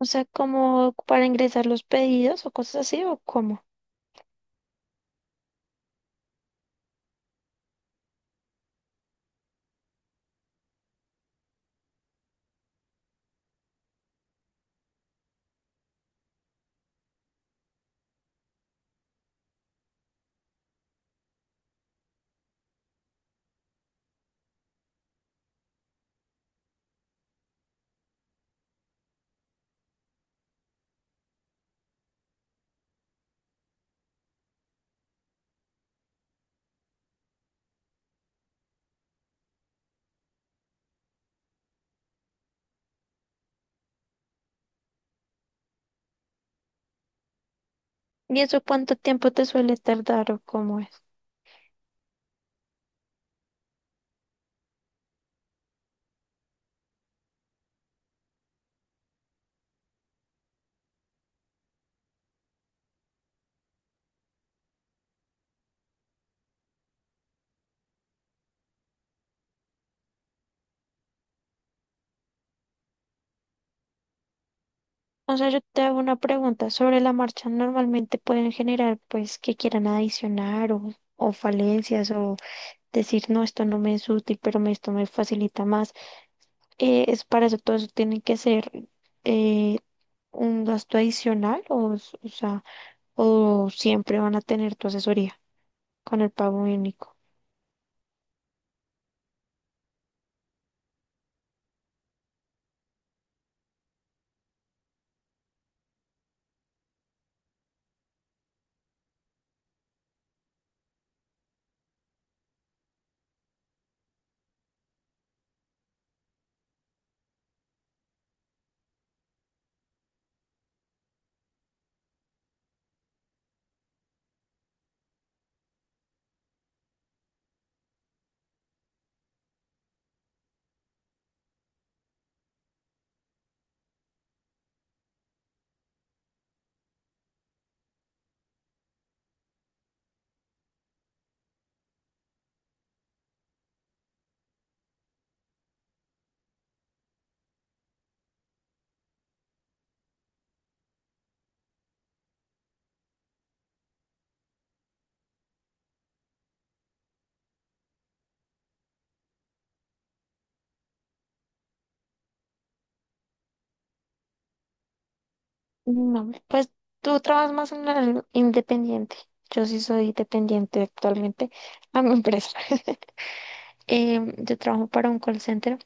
O sea, como para ingresar los pedidos o cosas así, o cómo. ¿Y eso cuánto tiempo te suele tardar o cómo es? O sea, yo te hago una pregunta. Sobre la marcha, normalmente pueden generar, pues, que quieran adicionar o falencias o decir, no, esto no me es útil, pero esto me facilita más. Es para eso, todo eso tiene que ser eh, un gasto adicional o sea, o siempre van a tener tu asesoría con el pago único. No, pues tú trabajas más en el independiente. Yo sí soy dependiente actualmente a mi empresa. Yo trabajo para un call center,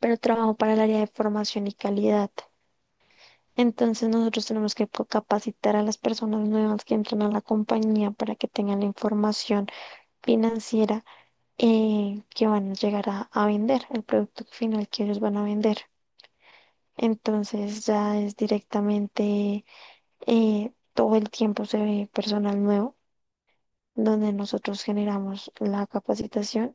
pero trabajo para el área de formación y calidad. Entonces nosotros tenemos que capacitar a las personas nuevas que entran a la compañía para que tengan la información financiera que van a llegar a vender, el producto final que ellos van a vender. Entonces ya es directamente todo el tiempo se ve personal nuevo, donde nosotros generamos la capacitación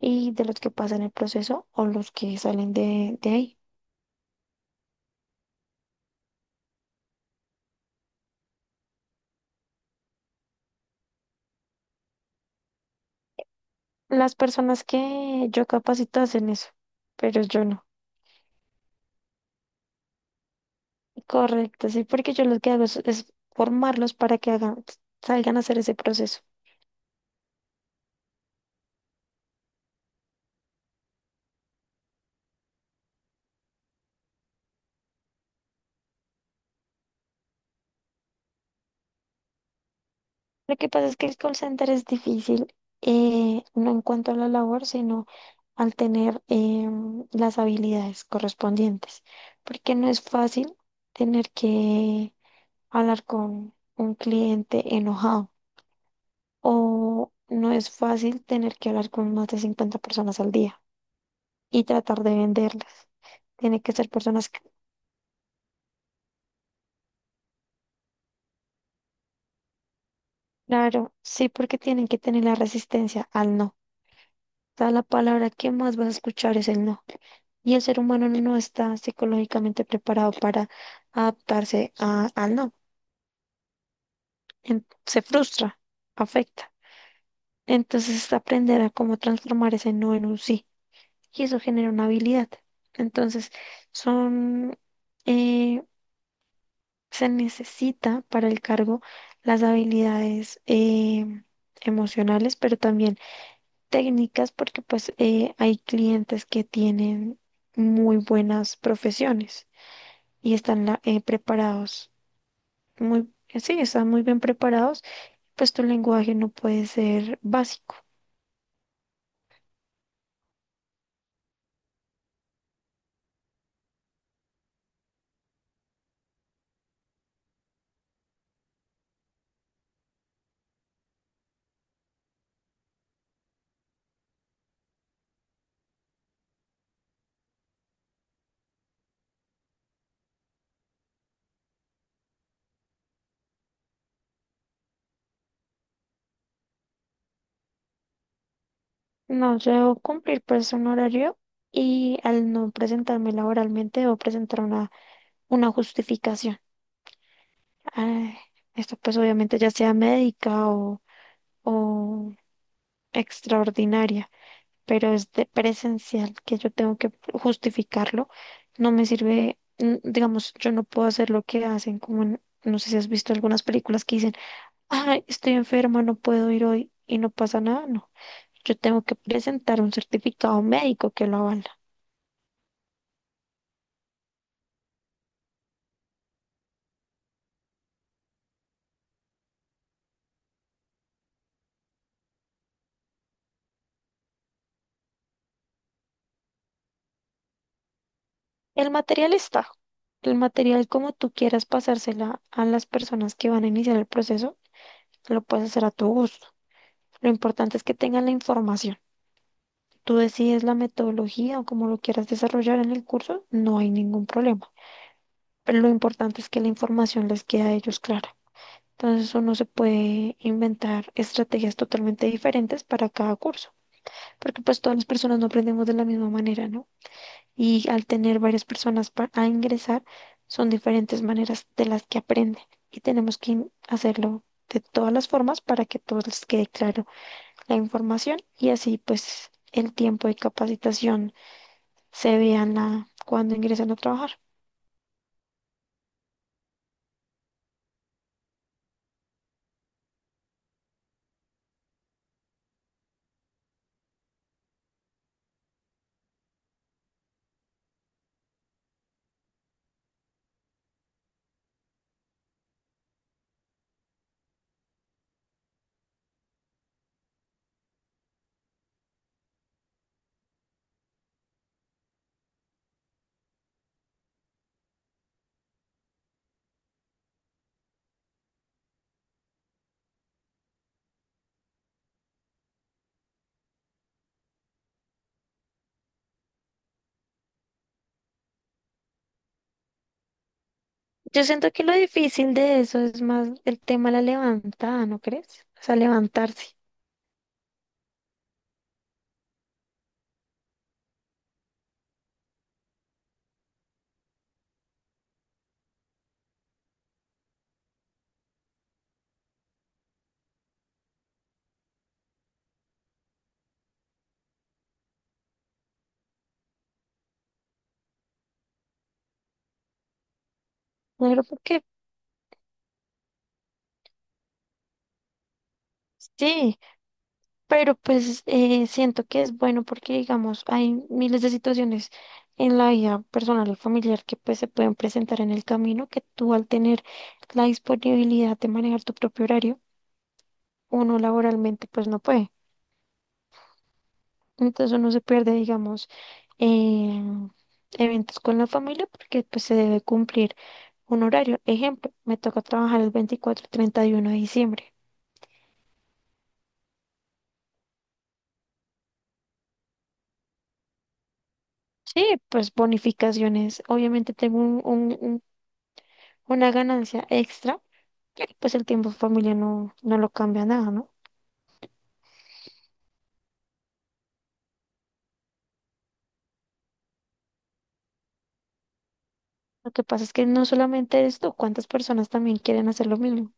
y de los que pasan el proceso o los que salen de ahí. Las personas que yo capacito hacen eso, pero yo no. Correcto, sí, porque yo lo que hago es formarlos para que hagan, salgan a hacer ese proceso. Lo que pasa es que el call center es difícil, no en cuanto a la labor, sino al tener las habilidades correspondientes, porque no es fácil tener que hablar con un cliente enojado o no es fácil tener que hablar con más de 50 personas al día y tratar de venderlas. Tiene que ser personas, claro, sí, porque tienen que tener la resistencia al no. O sea, la palabra que más vas a escuchar es el no. Y el ser humano no está psicológicamente preparado para adaptarse al no. Se frustra, afecta. Entonces es aprender a cómo transformar ese no en un sí. Y eso genera una habilidad. Entonces, son, eh, se necesita para el cargo las habilidades emocionales, pero también técnicas, porque pues hay clientes que tienen muy buenas profesiones y están preparados muy, sí, están muy bien preparados, pues tu lenguaje no puede ser básico. No, yo debo cumplir pues un horario y al no presentarme laboralmente debo presentar una justificación. Ah, esto pues obviamente ya sea médica o extraordinaria, pero es de presencial que yo tengo que justificarlo. No me sirve, digamos, yo no puedo hacer lo que hacen como no sé si has visto algunas películas que dicen ay, estoy enferma, no puedo ir hoy y no pasa nada, no. Yo tengo que presentar un certificado médico que lo avala. El material está. El material, como tú quieras pasársela a las personas que van a iniciar el proceso, lo puedes hacer a tu gusto. Lo importante es que tengan la información. Tú decides la metodología o cómo lo quieras desarrollar en el curso, no hay ningún problema. Pero lo importante es que la información les quede a ellos clara. Entonces uno se puede inventar estrategias totalmente diferentes para cada curso, porque pues todas las personas no aprendemos de la misma manera, ¿no? Y al tener varias personas a ingresar, son diferentes maneras de las que aprenden y tenemos que hacerlo de todas las formas para que a todos les quede claro la información y así pues el tiempo de capacitación se vea en la, cuando ingresan a trabajar. Yo siento que lo difícil de eso es más el tema de la levantada, ¿no crees? O sea, levantarse. Pero porque sí. Pero pues siento que es bueno porque, digamos, hay miles de situaciones en la vida personal y familiar que pues se pueden presentar en el camino, que tú al tener la disponibilidad de manejar tu propio horario, uno laboralmente pues no puede. Entonces uno se pierde, digamos, eh, eventos con la familia porque pues se debe cumplir un horario. Ejemplo, me toca trabajar el 24 y 31 de diciembre. Sí, pues bonificaciones. Obviamente tengo una ganancia extra, pues el tiempo en familia no, no lo cambia nada, ¿no? Lo que pasa es que no solamente esto, cuántas personas también quieren hacer lo mismo.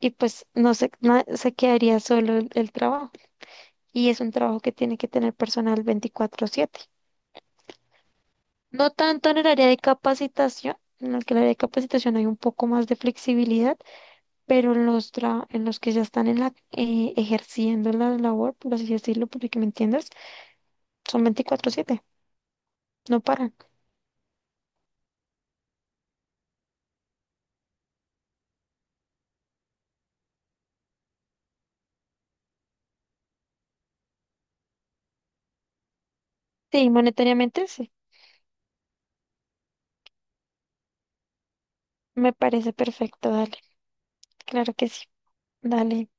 Y pues no se, se quedaría solo el trabajo. Y es un trabajo que tiene que tener personal 24/7. No tanto en el área de capacitación, en el que el área de capacitación hay un poco más de flexibilidad, pero en los que ya están ejerciendo la labor, por así decirlo, porque que me entiendas, son 24/7, no paran. Sí, monetariamente sí, me parece perfecto, dale. Claro que sí. Dale.